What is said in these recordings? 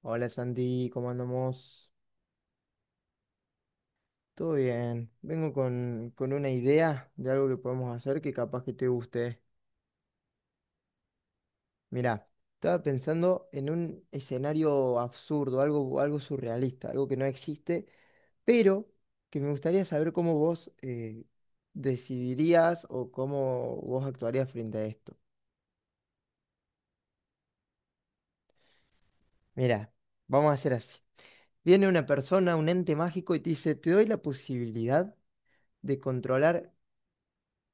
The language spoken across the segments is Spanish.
Hola Santi, ¿cómo andamos? Todo bien. Vengo con una idea de algo que podemos hacer que capaz que te guste. Mira, estaba pensando en un escenario absurdo, algo surrealista, algo que no existe, pero que me gustaría saber cómo vos decidirías o cómo vos actuarías frente a esto. Mira, vamos a hacer así. Viene una persona, un ente mágico y te dice, te doy la posibilidad de controlar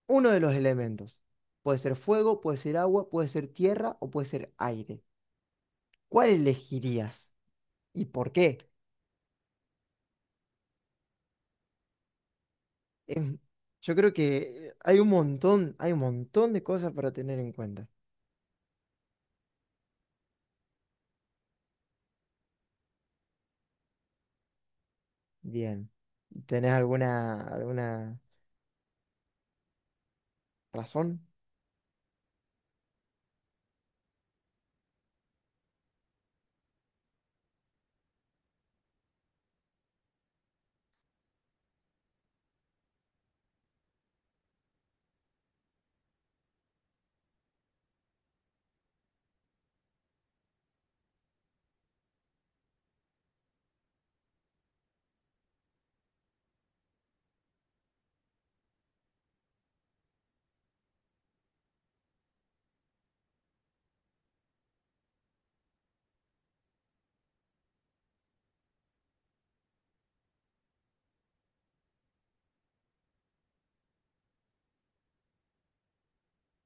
uno de los elementos. Puede ser fuego, puede ser agua, puede ser tierra o puede ser aire. ¿Cuál elegirías y por qué? Yo creo que hay un montón de cosas para tener en cuenta. Bien. ¿Tenés alguna, alguna razón?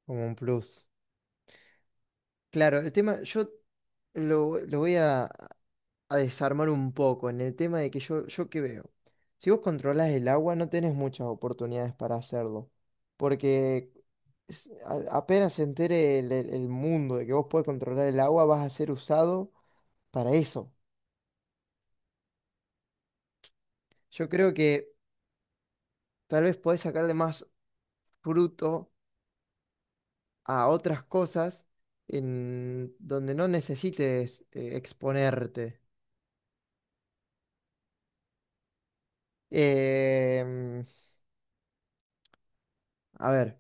Como un plus. Claro, el tema, yo lo voy a desarmar un poco en el tema de que yo qué veo. Si vos controlás el agua, no tenés muchas oportunidades para hacerlo, porque apenas se entere el mundo de que vos podés controlar el agua, vas a ser usado para eso. Yo creo que tal vez podés sacarle más fruto a otras cosas en donde no necesites exponerte. Em, a ver.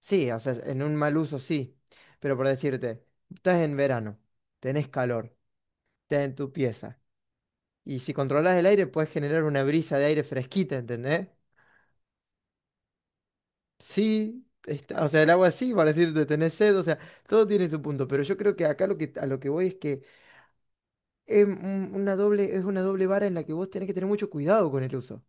Sí, o sea, en un mal uso sí, pero por decirte, estás en verano, tenés calor, estás en tu pieza, y si controlás el aire puedes generar una brisa de aire fresquita, ¿entendés? Sí, está, o sea, el agua sí, para decirte, tenés sed, o sea, todo tiene su punto, pero yo creo que acá lo que, a lo que voy es que es una doble, es una doble vara en la que vos tenés que tener mucho cuidado con el uso.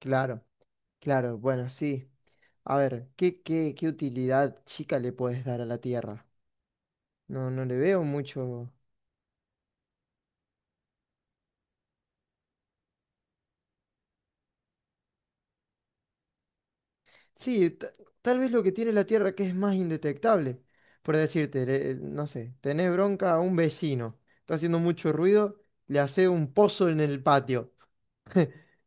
Claro, claro, bueno, sí. A ver, qué utilidad chica le puedes dar a la tierra? No, no le veo mucho. Sí, tal vez lo que tiene la Tierra que es más indetectable. Por decirte, no sé, tenés bronca a un vecino, está haciendo mucho ruido, le hace un pozo en el patio.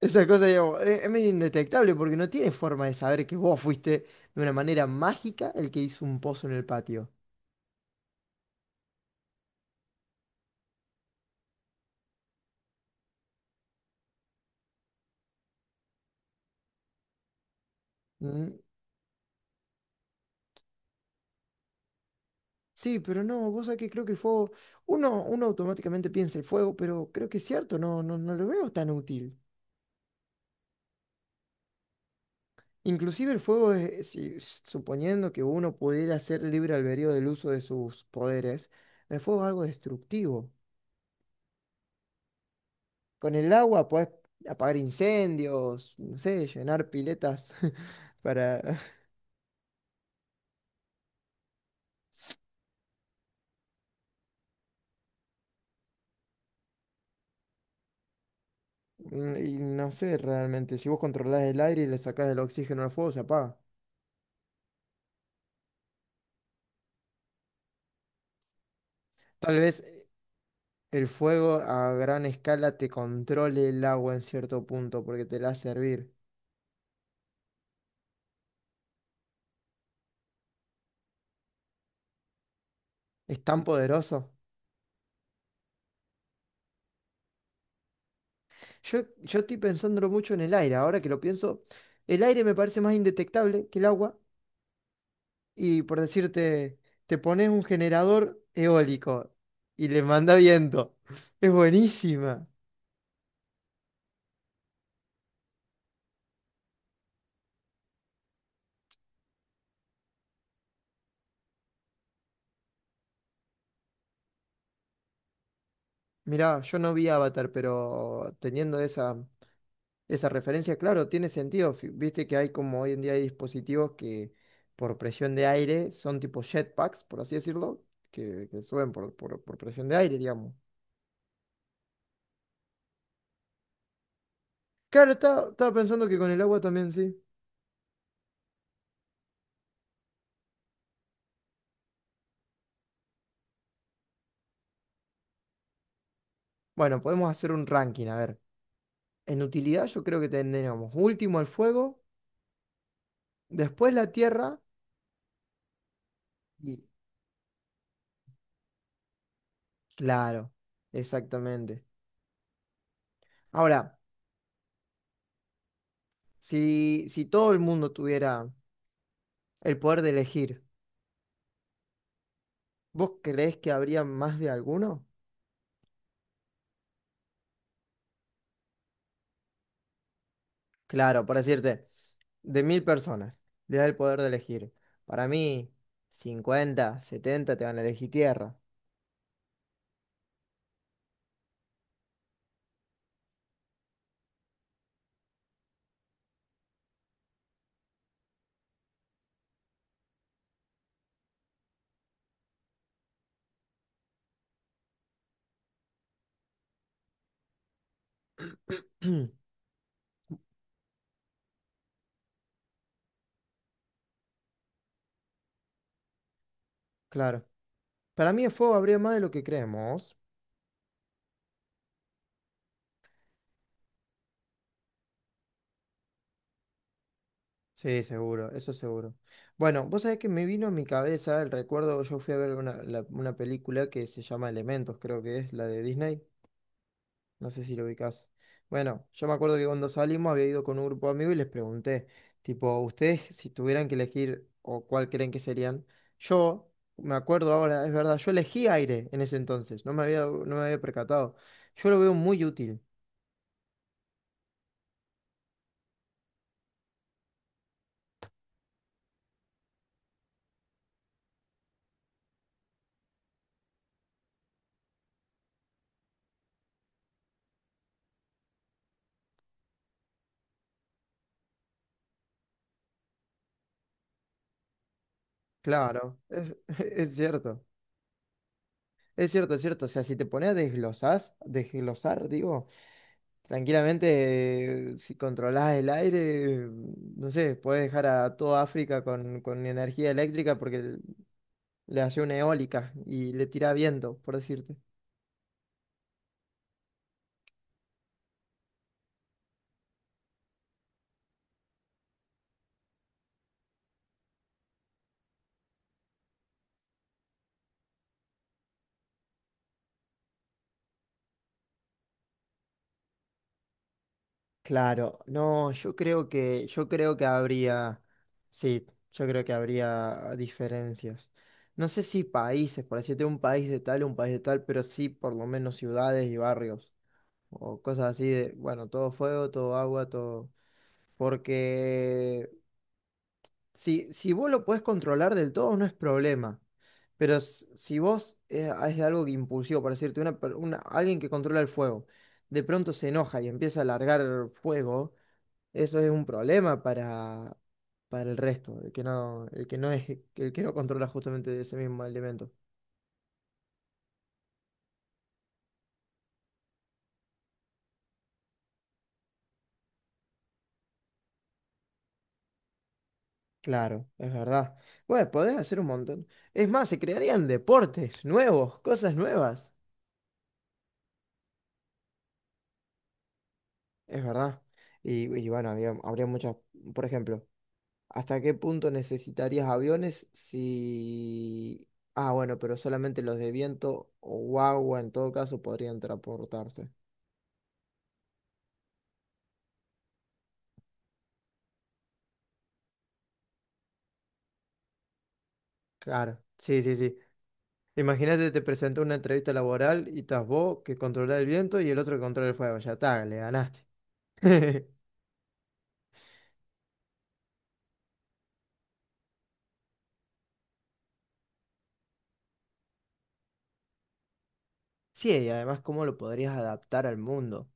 Esa cosa, digamos, es medio indetectable porque no tiene forma de saber que vos fuiste de una manera mágica el que hizo un pozo en el patio. Mm, Sí, pero no, vos sabés que creo que el fuego, uno automáticamente piensa el fuego, pero creo que es cierto, no lo veo tan útil. Inclusive el fuego, suponiendo que uno pudiera ser libre albedrío del uso de sus poderes, el fuego es algo destructivo. Con el agua puedes apagar incendios, no sé, llenar piletas para… Y no sé realmente, si vos controlás el aire y le sacás el oxígeno al fuego, se apaga. Tal vez el fuego a gran escala te controle el agua en cierto punto porque te la hace hervir. Es tan poderoso. Yo estoy pensándolo mucho en el aire, ahora que lo pienso, el aire me parece más indetectable que el agua y por decirte, te pones un generador eólico y le manda viento. Es buenísima. Mirá, yo no vi Avatar, pero teniendo esa referencia, claro, tiene sentido. Viste que hay como hoy en día hay dispositivos que por presión de aire son tipo jetpacks, por así decirlo, que suben por presión de aire, digamos. Claro, estaba pensando que con el agua también sí. Bueno, podemos hacer un ranking, a ver. En utilidad yo creo que tendríamos último el fuego, después la tierra y claro, exactamente. Ahora, si todo el mundo tuviera el poder de elegir, ¿vos creés que habría más de alguno? Claro, por decirte, de 1,000 personas, le da el poder de elegir. Para mí, 50, 70 te van a elegir tierra. Claro. Para mí el fuego habría más de lo que creemos. Sí, seguro, eso seguro. Bueno, vos sabés que me vino a mi cabeza el recuerdo, yo fui a ver una película que se llama Elementos, creo que es la de Disney, no sé si lo ubicás. Bueno, yo me acuerdo que cuando salimos había ido con un grupo de amigos y les pregunté, tipo, ustedes si tuvieran que elegir o cuál creen que serían, yo me acuerdo ahora, es verdad, yo elegí aire en ese entonces, no me había, no me había percatado. Yo lo veo muy útil, claro, es es cierto. Es cierto, es cierto. O sea, si te pones a desglosar, desglosar, digo, tranquilamente, si controlás el aire, no sé, puedes dejar a toda África con energía eléctrica porque le hace una eólica y le tira viento, por decirte. Claro, no, yo creo que habría, sí, yo creo que habría diferencias. No sé si países, por decirte un país de tal, un país de tal, pero sí por lo menos ciudades y barrios. O cosas así de, bueno, todo fuego, todo agua, todo. Porque si vos lo podés controlar del todo, no es problema. Pero si vos algo que impulsivo, por decirte, alguien que controla el fuego, de pronto se enoja y empieza a largar fuego, eso es un problema para el resto, el que no el que no controla justamente ese mismo elemento. Claro, es verdad. Bueno, podés hacer un montón. Es más, se crearían deportes nuevos, cosas nuevas. Es verdad. Y bueno, habría muchas, por ejemplo, ¿hasta qué punto necesitarías aviones si… Ah, bueno, pero solamente los de viento o agua en todo caso podrían transportarse. Claro, sí, sí, sí. Imagínate, te presentó una entrevista laboral y estás vos que controla el viento y el otro que controla el fuego. Ya está, le ganaste. Sí, y además, ¿cómo lo podrías adaptar al mundo?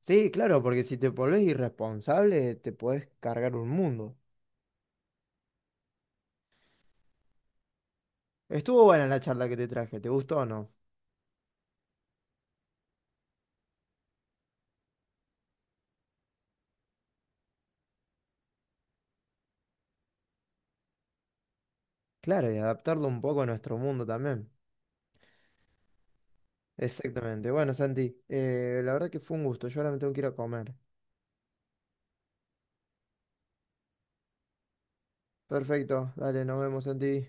Sí, claro, porque si te volvés irresponsable, te podés cargar un mundo. Estuvo buena la charla que te traje, ¿te gustó o no? Claro, y adaptarlo un poco a nuestro mundo también. Exactamente. Bueno, Santi, la verdad que fue un gusto. Yo ahora me tengo que ir a comer. Perfecto. Dale, nos vemos, Santi.